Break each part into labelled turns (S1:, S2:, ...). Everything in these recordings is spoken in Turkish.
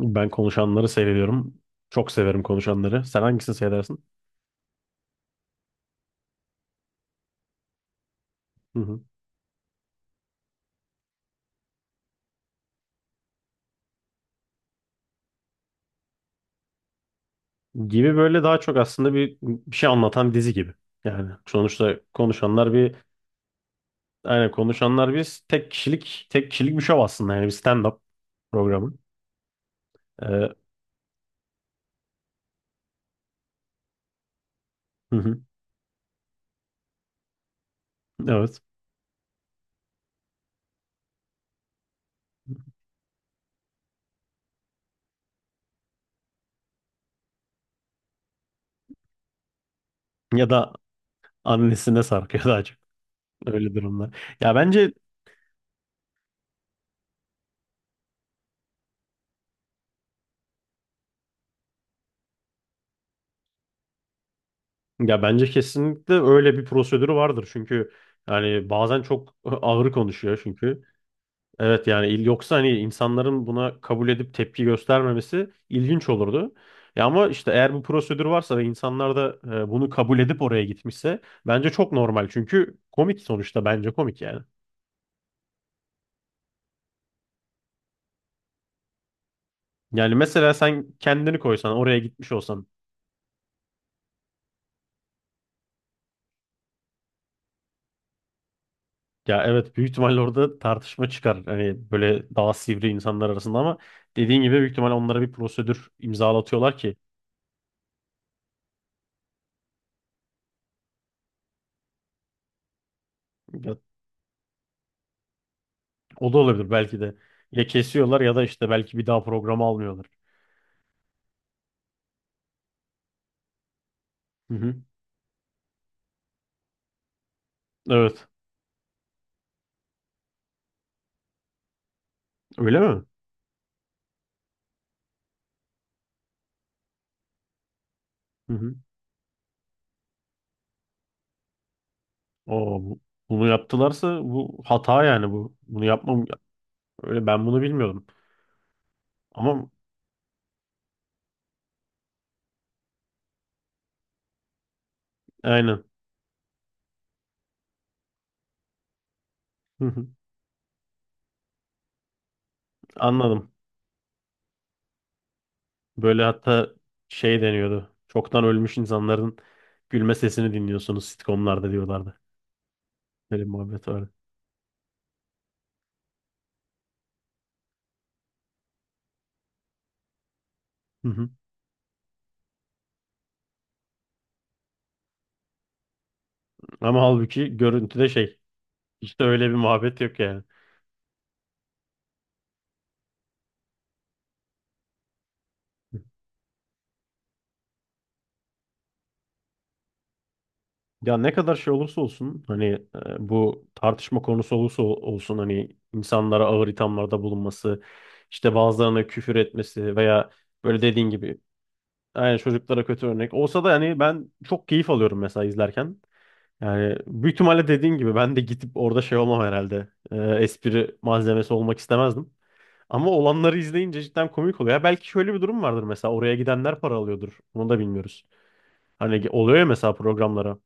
S1: Ben konuşanları seviyorum. Çok severim konuşanları. Sen hangisini seversin? Hı hı. Gibi böyle daha çok aslında bir şey anlatan bir dizi gibi. Yani sonuçta konuşanlar bir yani konuşanlar bir tek kişilik bir şov aslında yani bir stand-up programı. Hı hı. Evet. Ya da annesine sarkıyor daha çok. Öyle durumlar. Ya bence kesinlikle öyle bir prosedürü vardır. Çünkü yani bazen çok ağır konuşuyor çünkü. Evet yani yoksa hani insanların buna kabul edip tepki göstermemesi ilginç olurdu. Ya ama işte eğer bu prosedür varsa ve insanlar da bunu kabul edip oraya gitmişse bence çok normal. Çünkü komik sonuçta bence komik yani. Yani mesela sen kendini koysan oraya gitmiş olsan ya evet büyük ihtimalle orada tartışma çıkar. Hani böyle daha sivri insanlar arasında ama dediğin gibi büyük ihtimalle onlara bir prosedür imzalatıyorlar ki ya, o da olabilir belki de. Ya kesiyorlar ya da işte belki bir daha programı almıyorlar. Hı hı. Evet. Öyle mi? Hı hı. Oo, bunu yaptılarsa bu hata yani bu. Bunu yapmam öyle, ben bunu bilmiyordum. Ama aynen. Hı hı. Anladım. Böyle hatta şey deniyordu. Çoktan ölmüş insanların gülme sesini dinliyorsunuz sitcomlarda diyorlardı. Böyle bir muhabbet var. Hı hı. Ama halbuki görüntüde şey, işte öyle bir muhabbet yok yani. Ya ne kadar şey olursa olsun hani bu tartışma konusu olursa olsun, hani insanlara ağır ithamlarda bulunması, işte bazılarına küfür etmesi veya böyle dediğin gibi yani çocuklara kötü örnek olsa da hani ben çok keyif alıyorum mesela izlerken. Yani büyük ihtimalle dediğin gibi ben de gidip orada şey olmam herhalde. Espri malzemesi olmak istemezdim. Ama olanları izleyince cidden komik oluyor. Ya belki şöyle bir durum vardır, mesela oraya gidenler para alıyordur. Onu da bilmiyoruz. Hani oluyor ya, mesela programlara.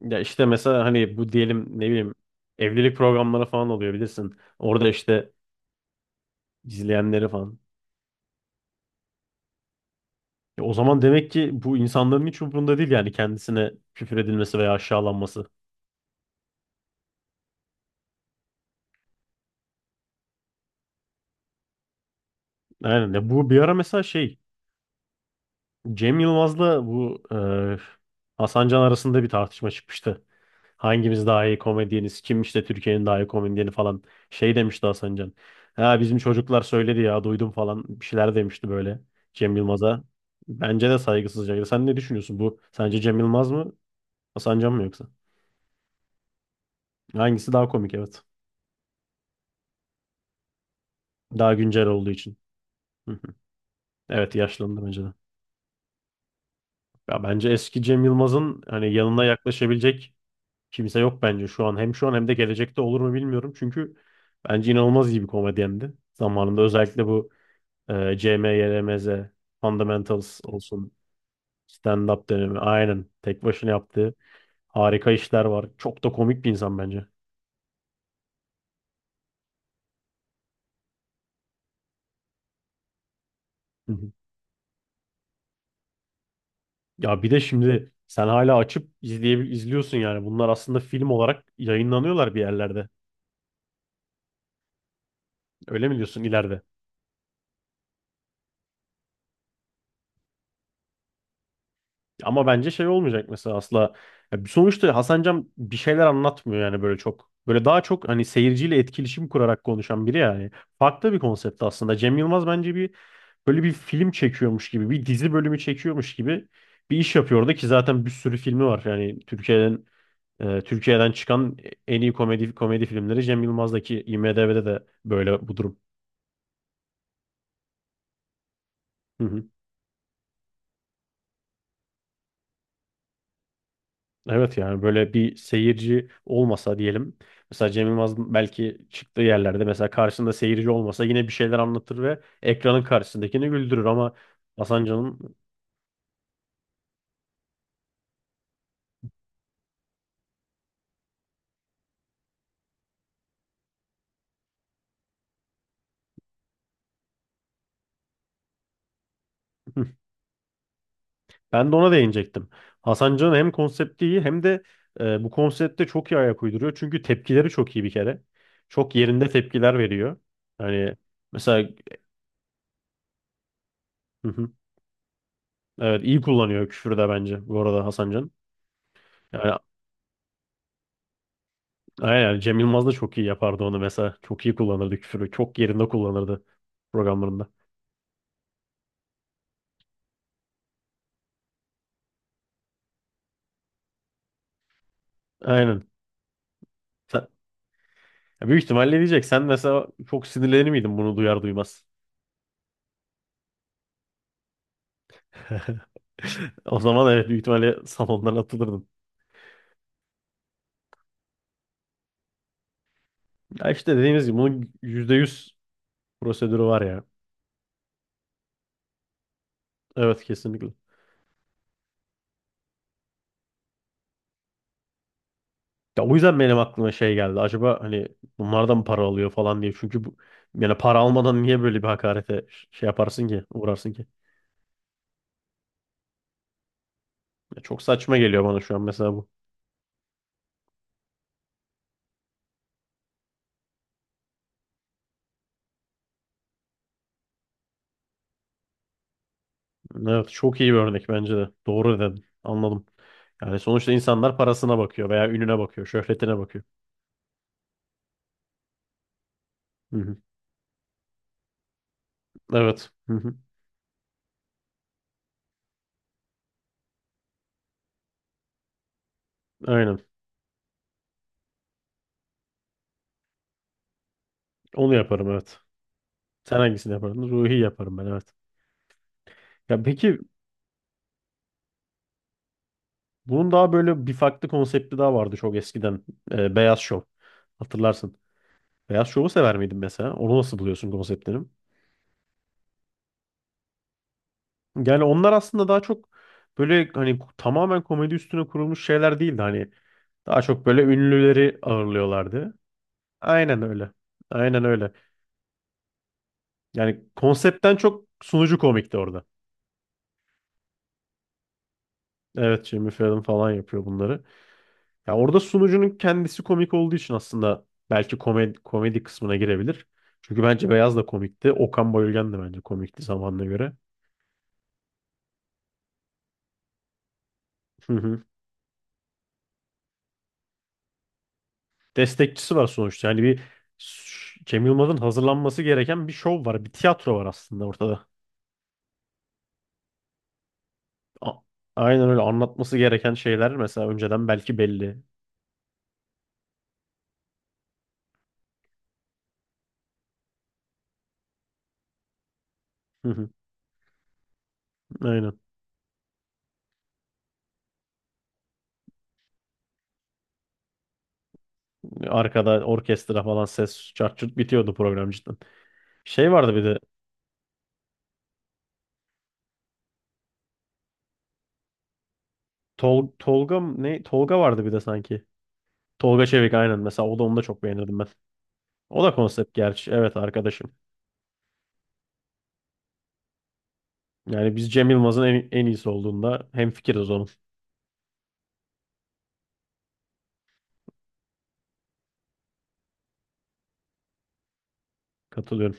S1: Ya işte mesela hani bu, diyelim ne bileyim evlilik programları falan oluyor bilirsin. Orada işte izleyenleri falan. Ya o zaman demek ki bu insanların hiç umurunda değil yani, kendisine küfür edilmesi veya aşağılanması. Aynen. Ya bu bir ara mesela şey, Cem Yılmaz'la bu Hasan Can arasında bir tartışma çıkmıştı. Hangimiz daha iyi komedyeniz? Kim işte Türkiye'nin daha iyi komedyeni falan. Şey demişti Hasan Can. Ha bizim çocuklar söyledi ya, duydum falan bir şeyler demişti böyle Cem Yılmaz'a. Bence de saygısızca. Sen ne düşünüyorsun bu? Sence Cem Yılmaz mı? Hasan Can mı yoksa? Hangisi daha komik, evet. Daha güncel olduğu için. Hı hı. Evet, yaşlandı bence de. Ya bence eski Cem Yılmaz'ın hani yanına yaklaşabilecek kimse yok bence şu an. Hem şu an hem de gelecekte olur mu bilmiyorum. Çünkü bence inanılmaz iyi bir komedyendi. Zamanında özellikle bu CM, YLMZ, Fundamentals olsun. Stand-up dönemi. Aynen. Tek başına yaptığı harika işler var. Çok da komik bir insan bence. Hı hı. Ya bir de şimdi sen hala açıp izliyorsun yani. Bunlar aslında film olarak yayınlanıyorlar bir yerlerde. Öyle mi diyorsun, ileride? Ama bence şey olmayacak mesela asla. Ya sonuçta Hasan Can bir şeyler anlatmıyor yani böyle çok. Böyle daha çok hani seyirciyle etkileşim kurarak konuşan biri yani. Farklı bir konsept aslında. Cem Yılmaz bence bir, böyle bir film çekiyormuş gibi, bir dizi bölümü çekiyormuş gibi bir iş yapıyor orada ki zaten bir sürü filmi var. Yani Türkiye'den çıkan en iyi komedi filmleri Cem Yılmaz'daki, IMDb'de de böyle bu durum. Evet yani böyle bir seyirci olmasa diyelim. Mesela Cem Yılmaz belki çıktığı yerlerde, mesela karşısında seyirci olmasa yine bir şeyler anlatır ve ekranın karşısındakini güldürür ama Hasan Can'ın ben de ona değinecektim. Hasan Can'ın hem konsepti iyi hem de bu konsepte çok iyi ayak uyduruyor. Çünkü tepkileri çok iyi bir kere. Çok yerinde tepkiler veriyor. Hani mesela evet, iyi kullanıyor küfürü de bence bu arada Hasan Can. Yani aynen, yani Cem Yılmaz da çok iyi yapardı onu mesela. Çok iyi kullanırdı küfürü. Çok yerinde kullanırdı programlarında. Aynen. Sen, ya büyük ihtimalle diyecek. Sen mesela çok sinirlenir miydin bunu duyar duymaz? O zaman evet, büyük ihtimalle salondan atılırdın. Ya işte dediğimiz gibi bunun %100 prosedürü var ya. Evet, kesinlikle. Ya o yüzden benim aklıma şey geldi. Acaba hani bunlardan mı para alıyor falan diye. Çünkü bu, yani para almadan niye böyle bir hakarete şey yaparsın ki, uğrarsın ki? Ya çok saçma geliyor bana şu an mesela. Evet, çok iyi bir örnek bence de. Doğru dedin. Anladım. Yani sonuçta insanlar parasına bakıyor veya ününe bakıyor, şöhretine bakıyor. Hı hı. Evet. Hı hı. Aynen. Onu yaparım evet. Sen hangisini yapardın? Ruhi yaparım ben, evet. Ya peki bunun daha böyle bir farklı konsepti daha vardı çok eskiden. Beyaz Şov. Hatırlarsın. Beyaz Şov'u sever miydin mesela? Onu nasıl buluyorsun, konseptini? Yani onlar aslında daha çok böyle hani tamamen komedi üstüne kurulmuş şeyler değildi. Hani daha çok böyle ünlüleri ağırlıyorlardı. Aynen öyle. Aynen öyle. Yani konseptten çok sunucu komikti orada. Evet, Jimmy Fallon falan yapıyor bunları. Ya orada sunucunun kendisi komik olduğu için aslında belki komedi kısmına girebilir. Çünkü bence Beyaz da komikti. Okan Bayülgen de bence komikti zamanına göre. Hı hı. Destekçisi var sonuçta. Yani Cem Yılmaz'ın hazırlanması gereken bir şov var. Bir tiyatro var aslında ortada. A- Aynen öyle, anlatması gereken şeyler mesela önceden belki belli. Hı hı. Aynen. Arkada orkestra falan, ses, çart çurt, bitiyordu program cidden. Şey vardı bir de, ne Tolga vardı bir de sanki. Tolga Çevik, aynen, mesela o da, onu da çok beğenirdim ben. O da konsept gerçi, evet arkadaşım. Yani biz Cem Yılmaz'ın en iyisi olduğunda hemfikiriz onun. Katılıyorum.